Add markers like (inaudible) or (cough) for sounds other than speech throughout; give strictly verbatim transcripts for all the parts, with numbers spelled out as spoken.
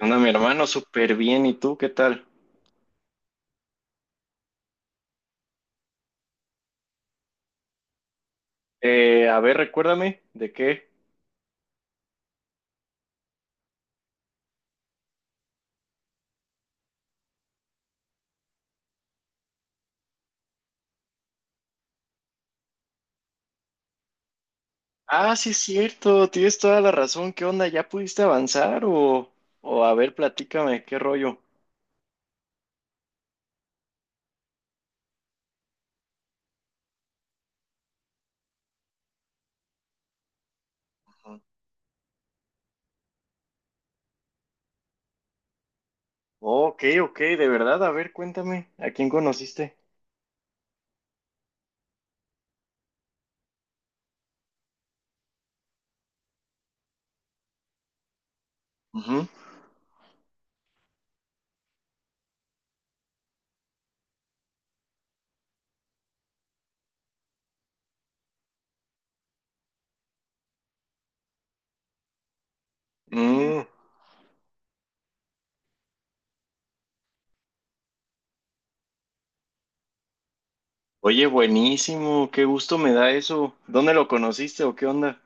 Anda, mi hermano, súper bien. ¿Y tú qué tal? Eh, a ver, recuérdame, ¿de qué? Ah, sí, es cierto, tienes toda la razón. ¿Qué onda? ¿Ya pudiste avanzar? O, o a ver, platícame, ¿qué rollo? Ujú. Oh, ok, ok, de verdad, a ver, cuéntame, ¿a quién conociste? Ujú. Mm. Oye, buenísimo, qué gusto me da eso. ¿Dónde lo conociste o qué onda?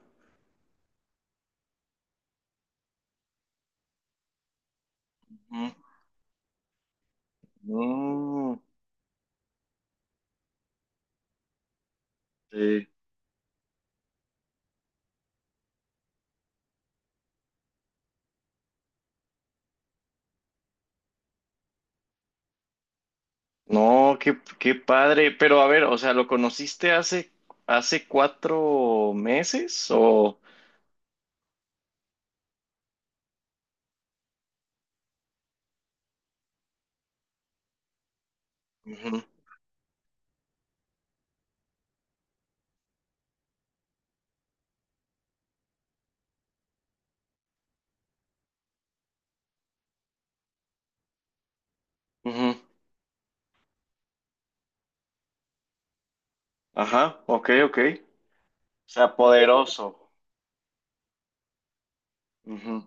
Ujú. Mm, sí. No, qué, qué padre. Pero a ver, o sea, ¿lo conociste hace, hace cuatro meses? O. Ujú, ujú. Ajá, ok, ok. O sea, poderoso. Ujú.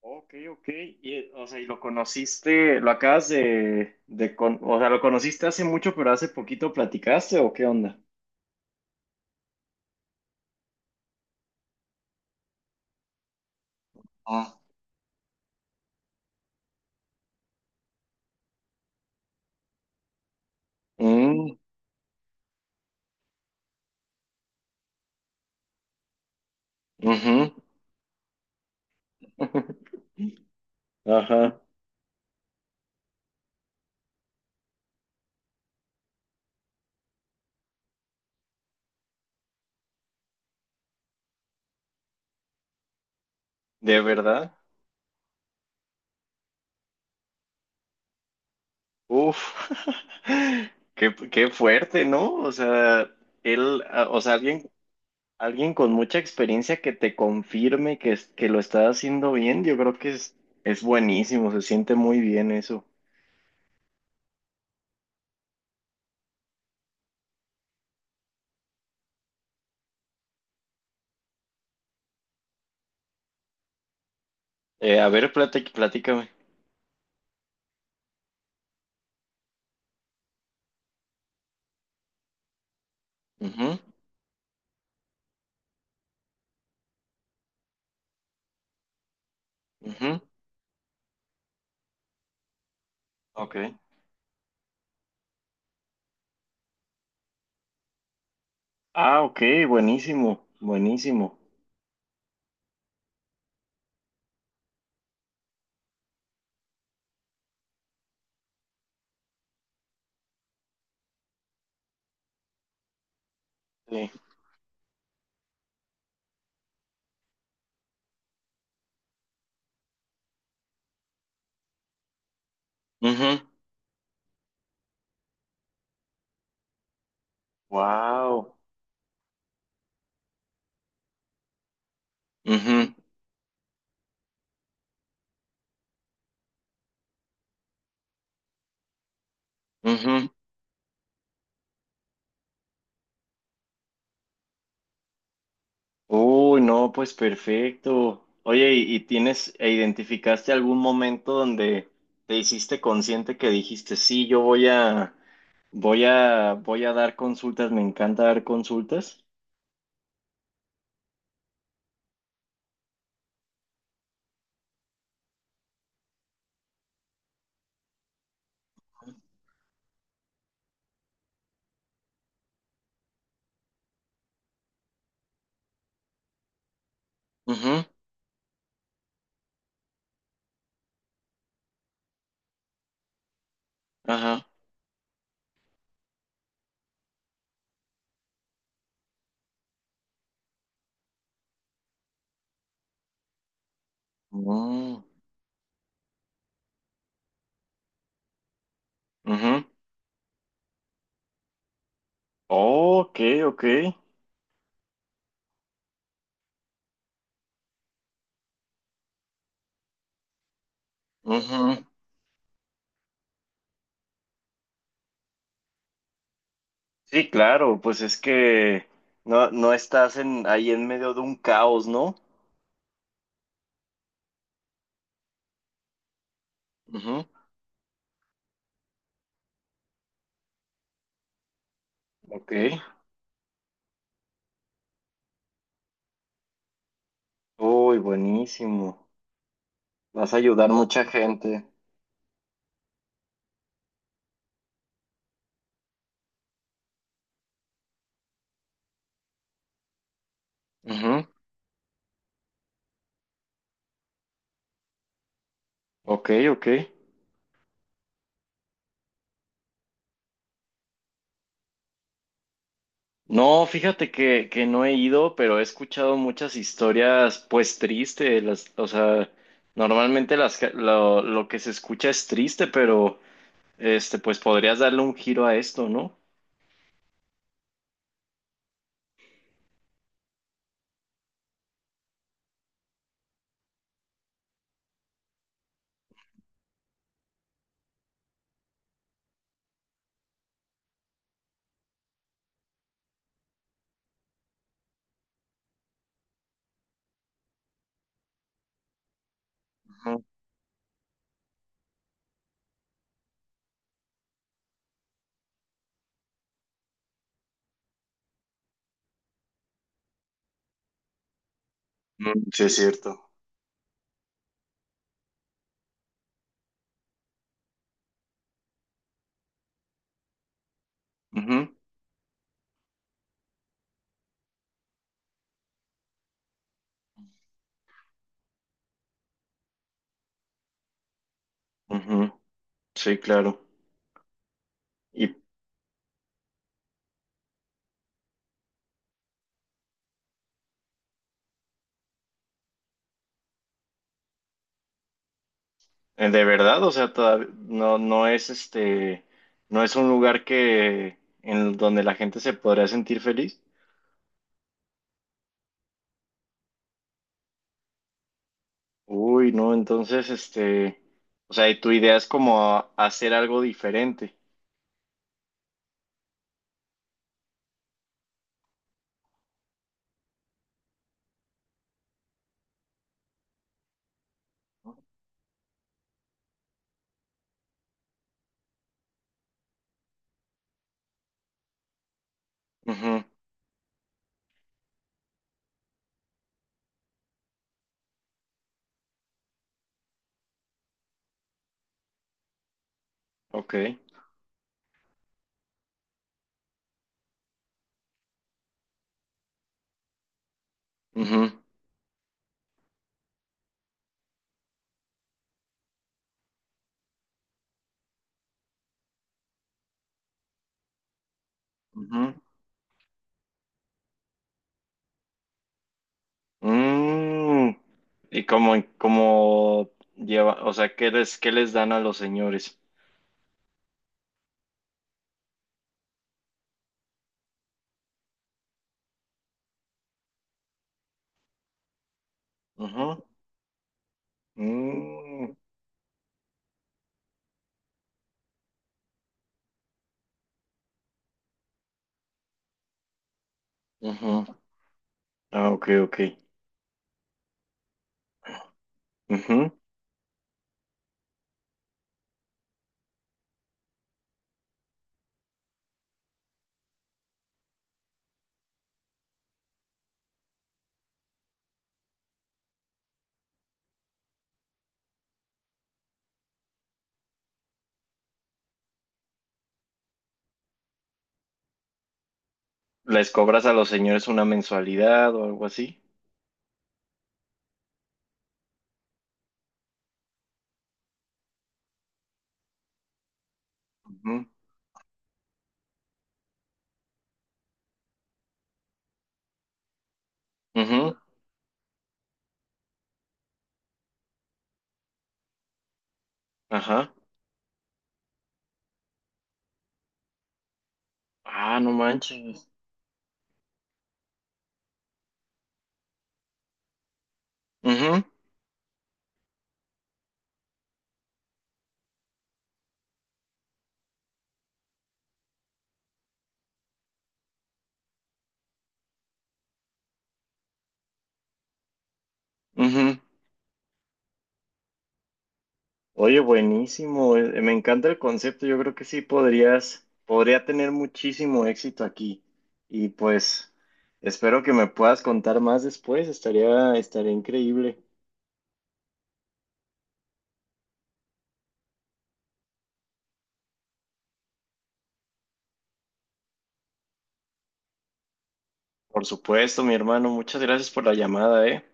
Ok, ok. Y, eh, o sea, y lo conociste, lo acabas de, de con- o sea, lo conociste hace mucho, pero hace poquito platicaste, ¿o qué onda? Ah. Mm, ujú. (laughs) Ajá. ¿De verdad? Uf, (laughs) qué, qué fuerte, ¿no? O sea, él, ah, o sea, alguien, alguien con mucha experiencia que te confirme que, es- que lo está haciendo bien, yo creo que es, es buenísimo, se siente muy bien eso. Eh, a ver, platí- platícame. Ujú, ujú, ok. Ah, ok, buenísimo, buenísimo. Sí. Wow. Uy, no, pues perfecto. Oye, ¿y, y tienes e identificaste algún momento donde te hiciste consciente que dijiste, sí, yo voy a, voy a, voy a dar consultas, me encanta dar consultas? Ujú, ajá. Mm, ujú. Ok, ok. Ujú. Sí, claro, pues es que no, no estás en, ahí en medio de un caos, ¿no? Ujú, ok. Uy, buenísimo. Vas a ayudar mucha gente. Ujú, ok, ok. No, fíjate que, que no he ido, pero he escuchado muchas historias, pues tristes. Las, o sea, normalmente las, que- lo, lo que se escucha es triste, pero este, pues podrías darle un giro a esto, ¿no? Ujú. Mm, sí, es cierto. Ujú, ujú, sí, claro. Y eh, de verdad, o sea, todav- no, no es este, no es un lugar que en donde la gente se podría sentir feliz. Uy, no, entonces, este, o sea, y tu idea es como a- hacer algo diferente. Ujú, ok. Ujú, ujú. Mm, y como, como lleva, o sea, ¿qué les, ¿qué les dan a los señores? Ujú, mm, ujú. Ah, ok, ok. Ujú. ¿Les cobras a los señores una mensualidad o algo así? Ujú, ujú, ajá. Ah, no manches. Ujú, ujú. Oye, buenísimo, eh, me encanta el concepto, yo creo que sí podrías, podría tener muchísimo éxito aquí y pues espero que me puedas contar más después, estaría, estaría increíble. Por supuesto, mi hermano, muchas gracias por la llamada, ¿eh?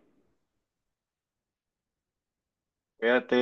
Cuídate.